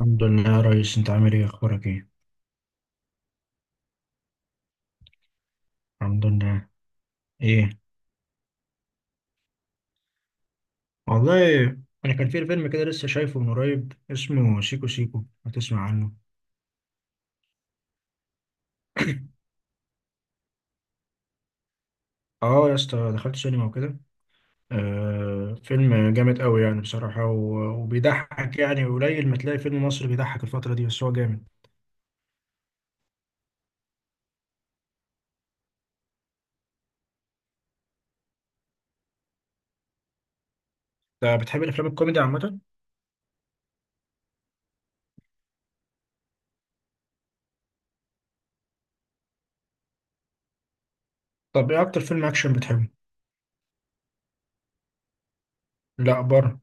الحمد لله يا ريس، انت عامل ايه؟ اخبارك ايه؟ الحمد لله. ايه. والله، انا كان في فيلم كده لسه شايفه من قريب، اسمه سيكو سيكو، ما تسمع عنه؟ اه يا اسطى، دخلت سينما وكده. فيلم جامد قوي يعني بصراحة، و- وبيضحك، يعني قليل ما تلاقي فيلم مصري بيضحك الفترة دي، بس هو جامد. انت بتحب الافلام الكوميدي عامة؟ طب ايه اكتر فيلم اكشن بتحبه؟ لا، بره.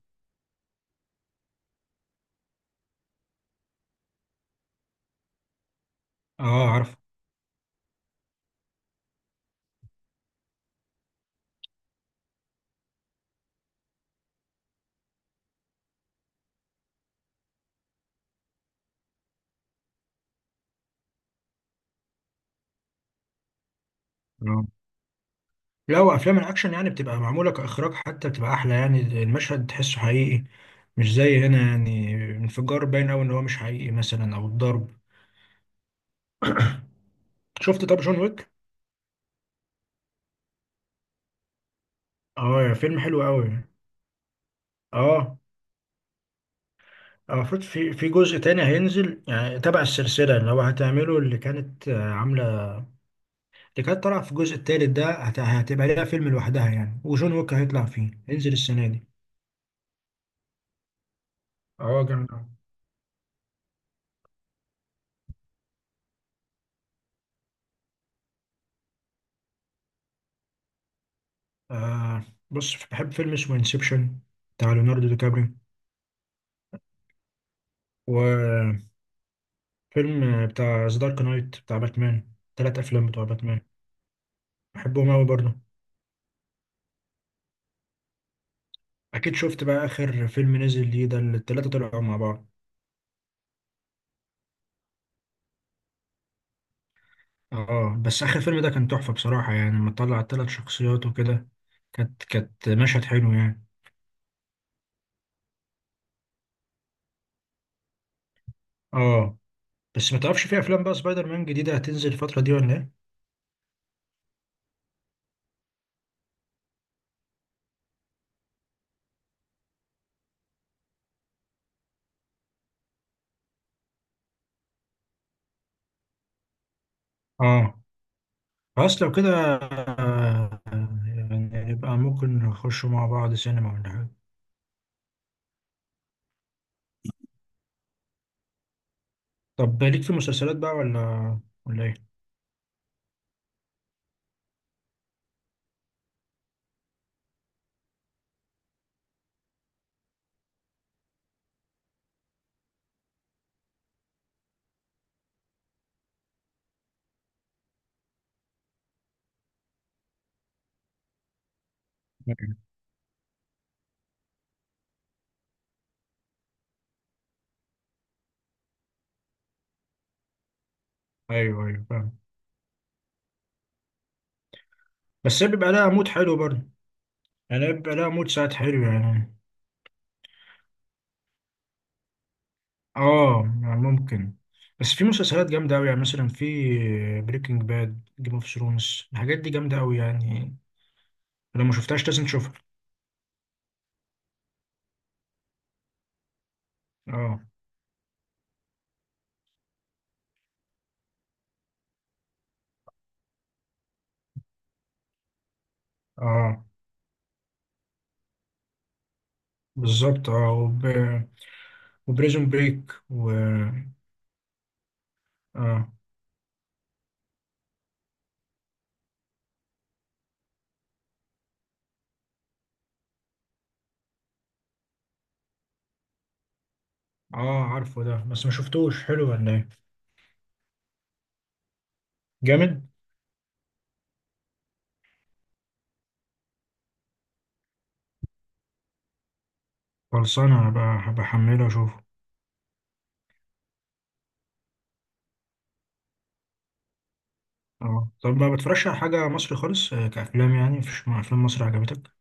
اه، عارف. لا، وافلام الاكشن يعني بتبقى معموله كاخراج، حتى بتبقى احلى، يعني المشهد تحسه حقيقي. مش زي هنا، يعني انفجار باين قوي ان هو مش حقيقي مثلا، او الضرب. شفت طب جون ويك؟ اه، يا فيلم حلو قوي. اه. المفروض في جزء تاني هينزل، يعني تبع السلسله اللي هو هتعمله اللي كانت عامله. اللي كانت طالعه في الجزء التالت ده هتبقى ليها فيلم لوحدها، يعني وجون ويك هيطلع فيه، هينزل السنه دي. اه جامد أوي. آه بص، بحب فيلم اسمه انسبشن. بتاع ليوناردو دي كابريو. و، فيلم بتاع ذا دارك نايت، بتاع باتمان، تلات افلام بتوع باتمان. بحبهم اوي برضه. اكيد شفت بقى اخر فيلم نزل ليه ده، اللي التلاتة طلعوا مع بعض؟ اه، بس اخر فيلم ده كان تحفة بصراحة، يعني لما طلع التلات شخصيات وكده. كانت مشهد حلو يعني. اه، بس ما تعرفش في افلام بقى سبايدر مان جديدة هتنزل الفترة دي ولا ايه؟ اه، خلاص لو كده. آه، يعني يبقى ممكن نخشوا مع بعض سينما، ولا حاجة؟ طب ليك في المسلسلات بقى ولا ايه؟ ايوه، ايوه، فاهم. بس هي بيبقى لها مود حلو برضه. يعني هي بيبقى لها مود ساعات حلو، يعني. اه، يعني ممكن. بس في مسلسلات جامدة أوي، يعني مثلا في، بريكنج باد، جيم اوف ثرونز، الحاجات دي جامدة أوي يعني. لو ما شفتهاش لازم تشوفها. اه، اه، بالظبط، اه وبريزون بريك و، اه، اه، عارفه ده، بس ما شفتوش، حلو ولا ايه؟ جامد. خلصانة، هبقى بحمله واشوفه. اه، طب ما بتفرجش على حاجة مصري خالص، كأفلام؟ يعني مفيش أفلام مصري عجبتك؟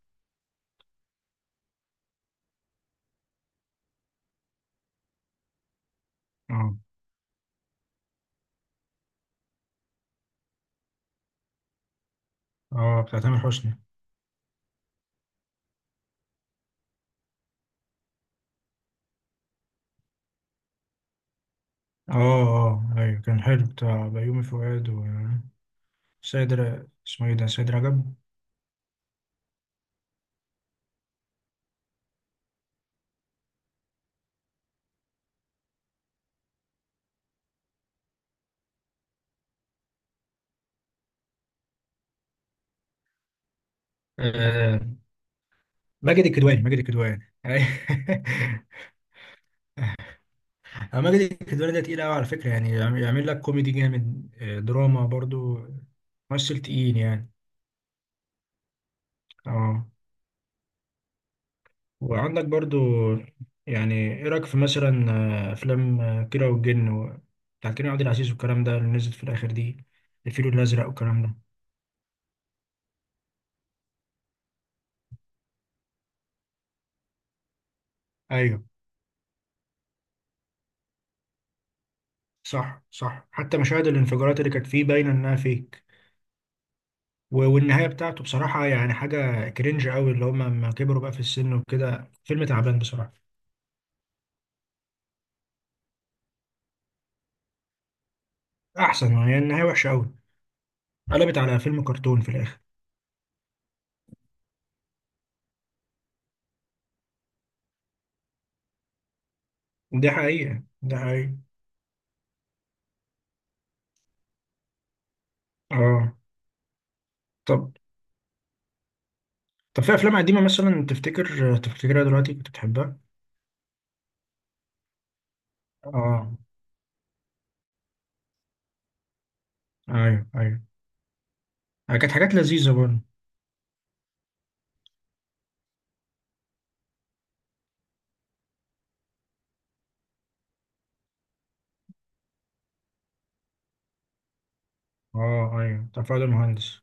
اه، اه، بتاع تامر حسني. اه، اه، ايوه كان حلو بتاع بيومي فؤاد و، سيد اسمه ايه ده، سيد رجب. آه. ماجد الكدواني، ماجد الكدواني، أيوة. ماجد الكدواني ده تقيل قوي على فكرة، يعني يعمل لك كوميدي جامد، دراما برضو. ممثل تقيل يعني. اه، وعندك برضو، يعني ايه رأيك في مثلا، افلام كيرة والجن بتاع كريم عبد العزيز والكلام ده، اللي نزلت في الاخر دي. الفيل الازرق والكلام ده؟ ايوه. صح، صح، حتى مشاهد الانفجارات اللي كانت فيه باينه انها فيك. و- والنهايه بتاعته بصراحه، يعني حاجه كرنج قوي اللي هم لما كبروا بقى في السن وكده، فيلم تعبان بصراحه. احسن، يعني النهايه وحشه قوي. قلبت على فيلم كرتون في الاخر. دي حقيقه، دي حقيقه. اه، طب، طب في افلام قديمه مثلا تفتكرها دلوقتي كنت بتحبها؟ اه، ايوه، ايوه. كانت حاجات لذيذه برضه. اه، ايوه، بتاع فؤاد المهندس.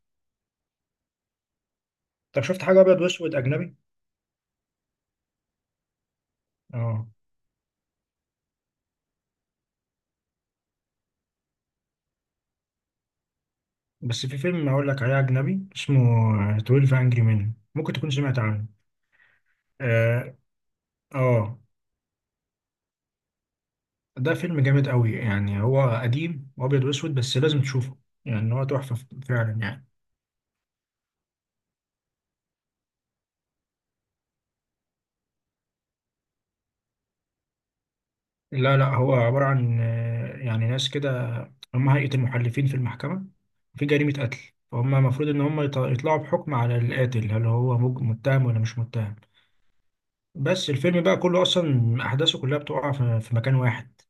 طب شفت حاجه ابيض واسود اجنبي؟ اه، بس في فيلم أقول لك عليه أجنبي اسمه 12 Angry Men. ممكن تكون سمعت عنه. آه، آه. ده فيلم جامد قوي، يعني هو قديم وأبيض وأسود بس لازم تشوفه. يعني هو تحفة فعلا يعني. لا، لا، هو عبارة عن يعني ناس كده. هم هيئة المحلفين في المحكمة. في جريمة قتل. فهم المفروض إن هم يطلعوا بحكم على القاتل، هل هو متهم ولا مش متهم. بس الفيلم بقى كله أصلا أحداثه كلها بتقع في مكان واحد.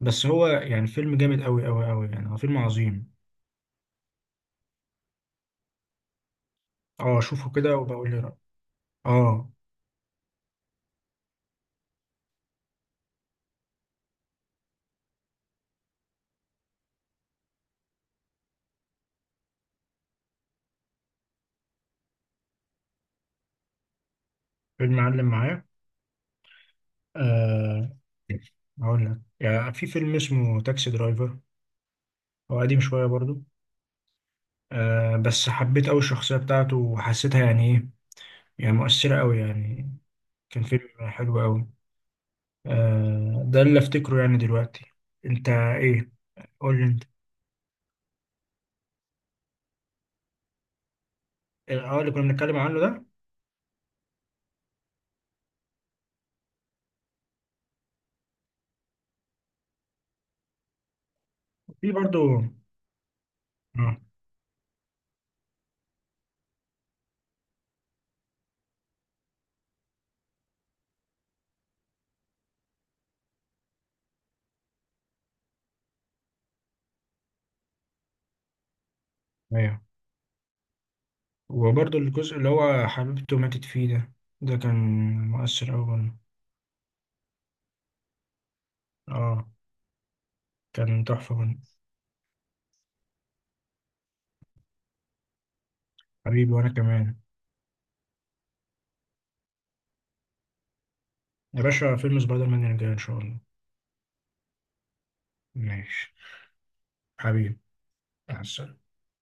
بس هو يعني فيلم جامد قوي قوي قوي، يعني هو فيلم عظيم. اه، اشوفه كده وبقول لي رأيي. اه. فيلم معلم معايا؟ آه. هقول لك، يعني في فيلم اسمه تاكسي درايفر. هو قديم شوية برضو. بس حبيت قوي الشخصية بتاعته، وحسيتها يعني ايه. يعني مؤثرة قوي يعني. كان فيلم حلو قوي. ده اللي افتكره يعني دلوقتي. انت ايه؟ قول لي انت. اه، اللي كنا بنتكلم عنه ده. في برضو. اه، ايوه. وبرضه الجزء اللي هو حبيبته ماتت فيه ده، ده كان مؤثر أوي برضه. اه، كان تحفة برضه. حبيبي، وأنا كمان. يا باشا، فيلم سبايدر مان يرجع إن شاء الله. ماشي. حبيبي. مع السلامة.